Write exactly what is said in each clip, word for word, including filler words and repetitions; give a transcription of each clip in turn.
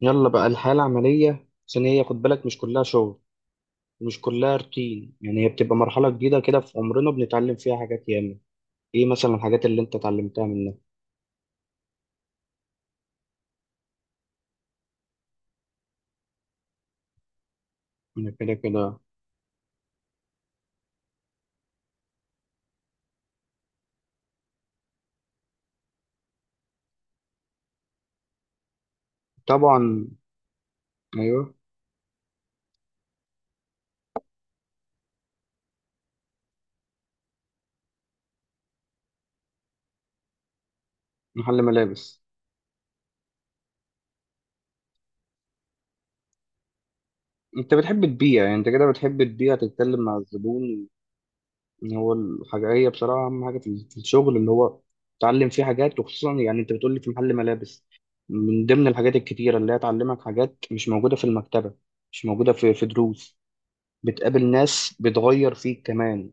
يلا بقى الحياة العملية، عشان هي خد بالك، مش كلها شغل، مش كلها روتين. يعني هي بتبقى مرحلة جديدة كده في عمرنا، بنتعلم فيها حاجات ياما. ايه مثلا الحاجات اللي انت اتعلمتها منها؟ انا كده كده. طبعا. ايوه. محل ملابس. انت بتحب تبيع، يعني انت كده بتحب تبيع، تتكلم مع الزبون. ان هو الحاجة هي بصراحة اهم حاجة في في الشغل، اللي هو تتعلم فيه حاجات. وخصوصا يعني انت بتقول لي في محل ملابس، من ضمن الحاجات الكتيرة اللي هي تعلمك حاجات مش موجودة في المكتبة، مش موجودة في في دروس. بتقابل ناس بتغير فيك كمان.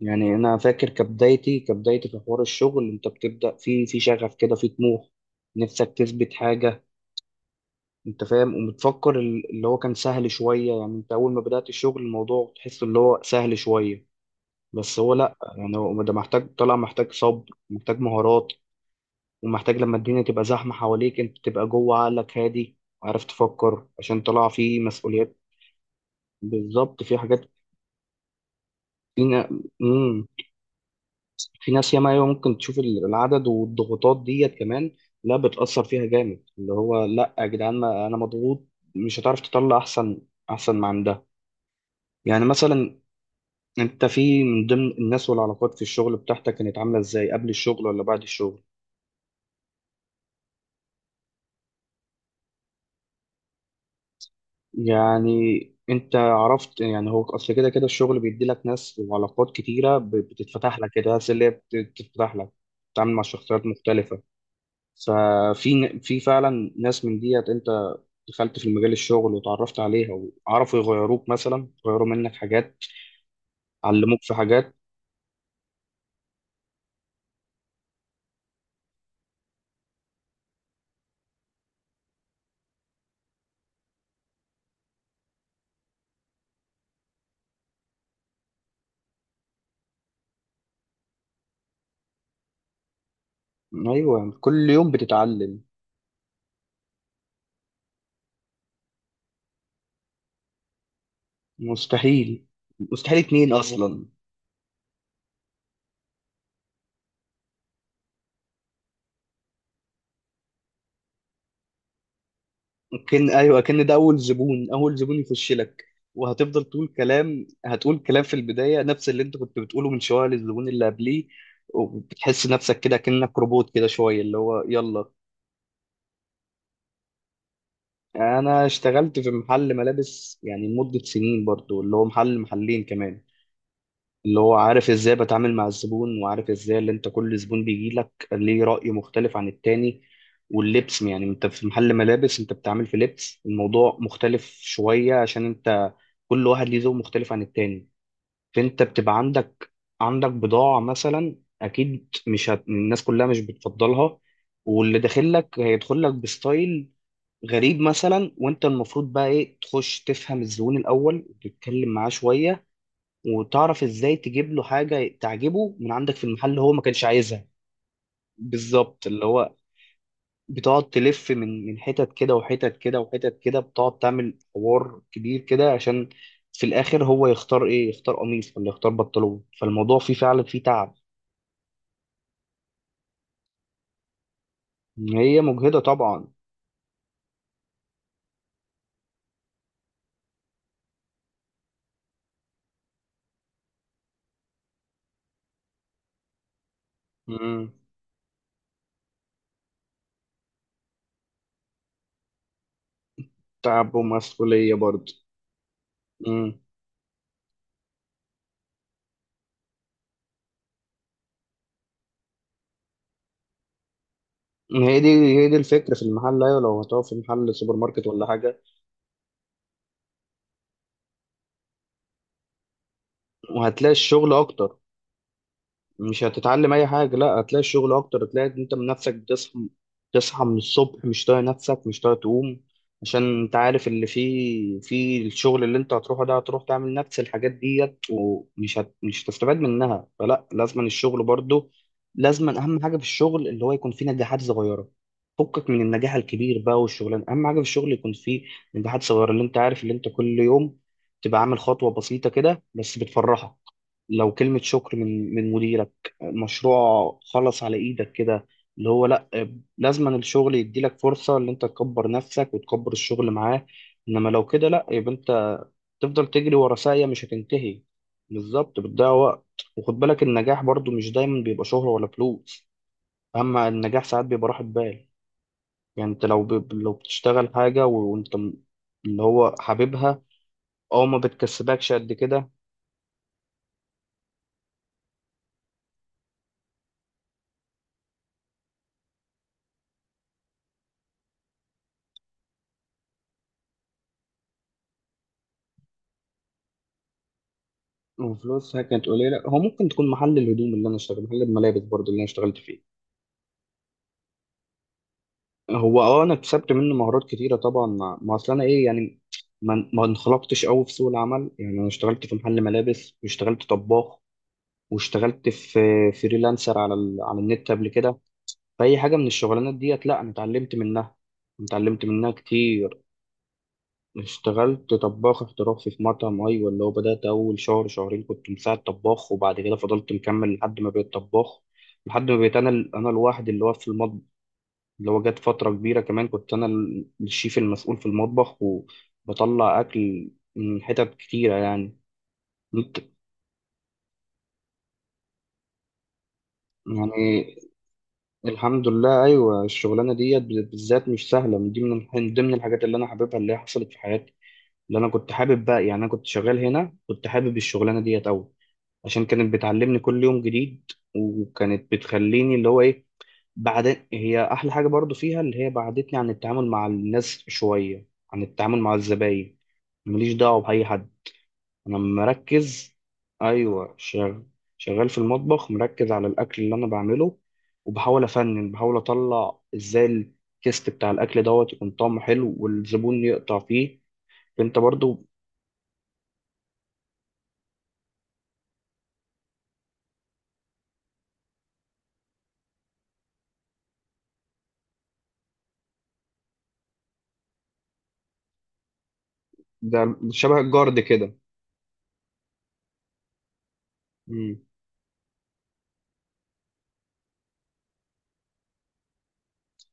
يعني انا فاكر كبدايتي كبدايتي في حوار الشغل، انت بتبدا في في شغف كده، في طموح، نفسك تثبت حاجه. انت فاهم، وبتفكر ال- اللي هو كان سهل شويه. يعني انت اول ما بدات الشغل، الموضوع تحس اللي هو سهل شويه، بس هو لا. يعني هو ده محتاج طلع، محتاج صبر، محتاج مهارات، ومحتاج لما الدنيا تبقى زحمه حواليك، انت تبقى جوه عقلك هادي، عارف تفكر، عشان طلع في مسؤوليات. بالظبط، في حاجات فينا. مم. في ناس ياما، أيوة، ممكن تشوف ال- العدد والضغوطات ديت كمان، لا بتأثر فيها جامد. اللي هو لا يا جدعان، ما أنا مضغوط، مش هتعرف تطلع أحسن أحسن ما عندها. يعني مثلا أنت في من ضمن الناس والعلاقات في الشغل بتاعتك، كانت عاملة إزاي قبل الشغل ولا بعد الشغل؟ يعني أنت عرفت، يعني هو أصل كده كده الشغل بيدي لك ناس وعلاقات كتيرة، ب- بتتفتح لك كده، ناس اللي هي بت- بتتفتح لك، بتتعامل مع شخصيات مختلفة. ففي ن- في فعلا ناس من ديت، انت دخلت في المجال الشغل وتعرفت عليها، وعرفوا يغيروك، مثلا يغيروا منك حاجات، علموك في حاجات. ايوه، كل يوم بتتعلم. مستحيل. مستحيل اتنين اصلا. ممكن ايوه، كان ده اول زبون، اول زبون يخش لك، وهتفضل تقول كلام، هتقول كلام في البدايه نفس اللي انت كنت بتقوله من شويه للزبون اللي قبليه. وبتحس نفسك كده كأنك روبوت كده شويه، اللي هو يلا. انا اشتغلت في محل ملابس، يعني مدة سنين برضو، اللي هو محل محلين كمان، اللي هو عارف ازاي بتعامل مع الزبون، وعارف ازاي اللي انت كل زبون بيجي لك ليه رأي مختلف عن التاني. واللبس يعني انت في محل ملابس، انت بتعمل في لبس، الموضوع مختلف شوية، عشان انت كل واحد ليه ذوق مختلف عن التاني. فانت بتبقى عندك، عندك بضاعة مثلا، اكيد مش هت... الناس كلها مش بتفضلها، واللي داخل لك هيدخل لك بستايل غريب مثلا. وانت المفروض بقى ايه؟ تخش تفهم الزبون الاول وتتكلم معاه شوية، وتعرف ازاي تجيب له حاجه تعجبه من عندك في المحل اللي هو ما كانش عايزها. بالظبط، اللي هو بتقعد تلف من من حتت كده، وحتت كده، وحتت كده، بتقعد تعمل حوار كبير كده، عشان في الاخر هو يختار ايه، يختار قميص ولا يختار بنطلون. فالموضوع فيه فعلا فيه تعب. هي مجهده طبعا. مم. تعب ومسؤوليه برضه. مم. هي دي، هي دي الفكره في المحل. ايوه، لو هتقف في محل سوبر ماركت ولا حاجه، وهتلاقي الشغل اكتر، مش هتتعلم اي حاجه، لا هتلاقي الشغل اكتر. هتلاقي إن انت من نفسك بتصحى، تصحى من الصبح مش طايق نفسك، مش طايق تقوم، عشان انت عارف اللي فيه في الشغل اللي انت هتروحه ده، هتروح تعمل نفس الحاجات ديت، ومش هت... مش هتستفاد منها. فلا، لازم الشغل برضو لازم. اهم حاجه في الشغل اللي هو يكون فيه نجاحات صغيره، فكك من النجاح الكبير بقى. والشغلانه اهم حاجه في الشغل يكون فيه نجاحات صغيره، اللي انت عارف اللي انت كل يوم تبقى عامل خطوه بسيطه كده، بس بتفرحك. لو كلمه شكر من من مديرك، مشروع خلص على ايدك كده، اللي هو لا. لازما الشغل يديلك فرصة ان انت تكبر نفسك وتكبر الشغل معاه. انما لو كده لا، يبقى انت تفضل تجري ورا ساقية مش هتنتهي. بالظبط، بتضيع وقت. وخد بالك، النجاح برضو مش دايما بيبقى شهرة ولا فلوس، اما النجاح ساعات بيبقى راحة بال. يعني انت لو ب... لو بتشتغل حاجة و- وانت م- اللي هو حاببها، او ما بتكسبكش قد كده. وفلوسها كانت قليلة. هو ممكن تكون محل الهدوم اللي انا اشتغل، محل الملابس برضو اللي انا اشتغلت فيه، هو اه، انا اكتسبت منه مهارات كتيره طبعا. ما ما اصل انا ايه يعني، ما ما انخلقتش قوي في سوق العمل. يعني انا اشتغلت في محل ملابس، واشتغلت طباخ، واشتغلت في فريلانسر على ال... على النت قبل كده. فاي حاجه من الشغلانات ديت، لا انا اتعلمت منها، اتعلمت منها كتير. اشتغلت طباخ احترافي في مطعم، ايوه. اللي هو بدات اول شهر شهرين كنت مساعد طباخ، وبعد كده فضلت مكمل لحد ما بقيت طباخ، لحد ما بقيت انا ال- انا الواحد اللي واقف في المطبخ. اللي هو جت فترة كبيرة كمان كنت أنا ال- الشيف المسؤول في المطبخ، وبطلع أكل من حتت كتيرة يعني. مت- يعني الحمد لله، أيوة الشغلانة ديت بالذات مش سهلة. من دي، من الح- من ضمن الحاجات اللي أنا حاببها اللي هي حصلت في حياتي، اللي أنا كنت حابب بقى. يعني أنا كنت شغال هنا، كنت حابب الشغلانة ديت أوي، عشان كانت بتعلمني كل يوم جديد. وكانت بتخليني اللي هو إيه، بعد هي احلى حاجه برضو فيها، اللي هي بعدتني عن التعامل مع الناس شويه، عن التعامل مع الزباين. ماليش دعوه باي حد، انا مركز. ايوه شغال، شغال في المطبخ، مركز على الاكل اللي انا بعمله، وبحاول افنن، بحاول اطلع ازاي التيست بتاع الاكل دوت يكون طعمه حلو، والزبون يقطع فيه. انت برضو. ده شبه الجارد كده. امم.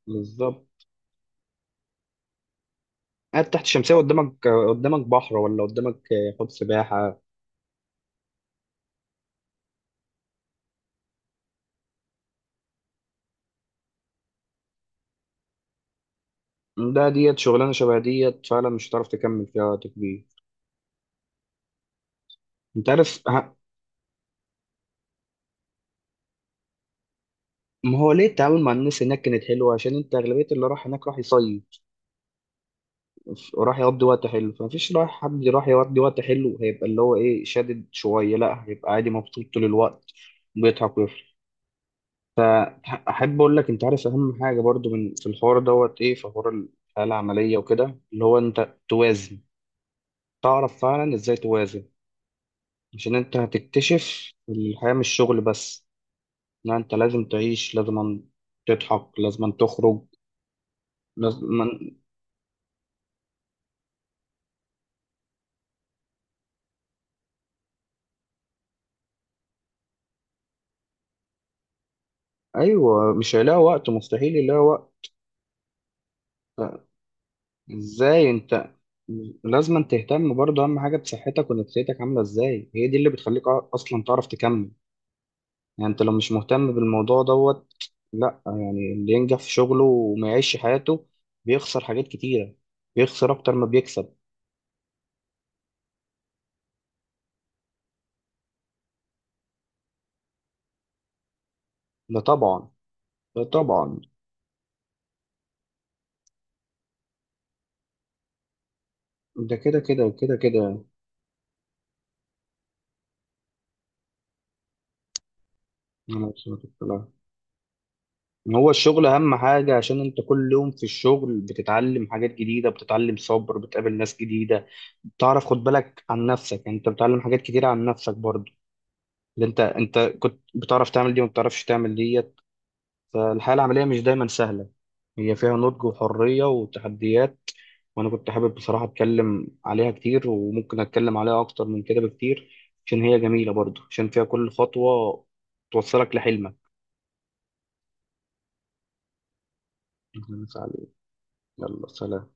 بالظبط. قاعد تحت الشمسيه، قدامك قدامك بحر ولا قدامك حوض سباحه؟ ده ديت شغلانه شبه ديت فعلا، مش هتعرف تكمل فيها وقت كبير. انت عارف ه- ما هو ليه التعامل مع الناس هناك كانت حلوه؟ عشان انت اغلبيه اللي راح هناك راح يصيف، وراح يقضي وقت حلو. فمفيش رايح، حد راح يقضي وقت حلو هيبقى اللي هو ايه، شادد شويه، لا هيبقى عادي مبسوط طول الوقت، بيضحك ويفرح. أح- احب اقول لك، انت عارف اهم حاجه برضو من في الحوار دوت ايه؟ في حوار الحياه العمليه وكده، اللي هو انت توازن، تعرف فعلا ازاي توازن. عشان انت هتكتشف الحياه مش شغل بس، لا انت لازم تعيش، لازم تضحك، لازم تخرج، لازم. ايوه، مش هيلاقي وقت، مستحيل يلاقي وقت. ازاي انت؟ لازم تهتم برضه، اهم حاجه بصحتك ونفسيتك عامله ازاي، هي دي اللي بتخليك ع- اصلا تعرف تكمل. يعني انت لو مش مهتم بالموضوع دوت، لا. يعني اللي ينجح في شغله وما يعيش حياته، بيخسر حاجات كتيره، بيخسر اكتر ما بيكسب. ده طبعا، ده طبعا. ده كده كده وكده كده. أنا مبسوط. هو الشغل أهم حاجة، عشان أنت كل يوم في الشغل بتتعلم حاجات جديدة، بتتعلم صبر، بتقابل ناس جديدة، بتعرف خد بالك عن نفسك. يعني أنت بتتعلم حاجات كتيرة عن نفسك برضه، اللي أنت، أنت كنت بتعرف تعمل دي وما بتعرفش تعمل ديت. فالحياة العملية مش دايما سهلة، هي فيها نضج وحرية وتحديات. وأنا كنت حابب بصراحة أتكلم عليها كتير، وممكن أتكلم عليها أكتر من كده بكتير، عشان هي جميلة برضه، عشان فيها كل خطوة توصلك لحلمك. أهلاً وسهلاً. يلا سلام.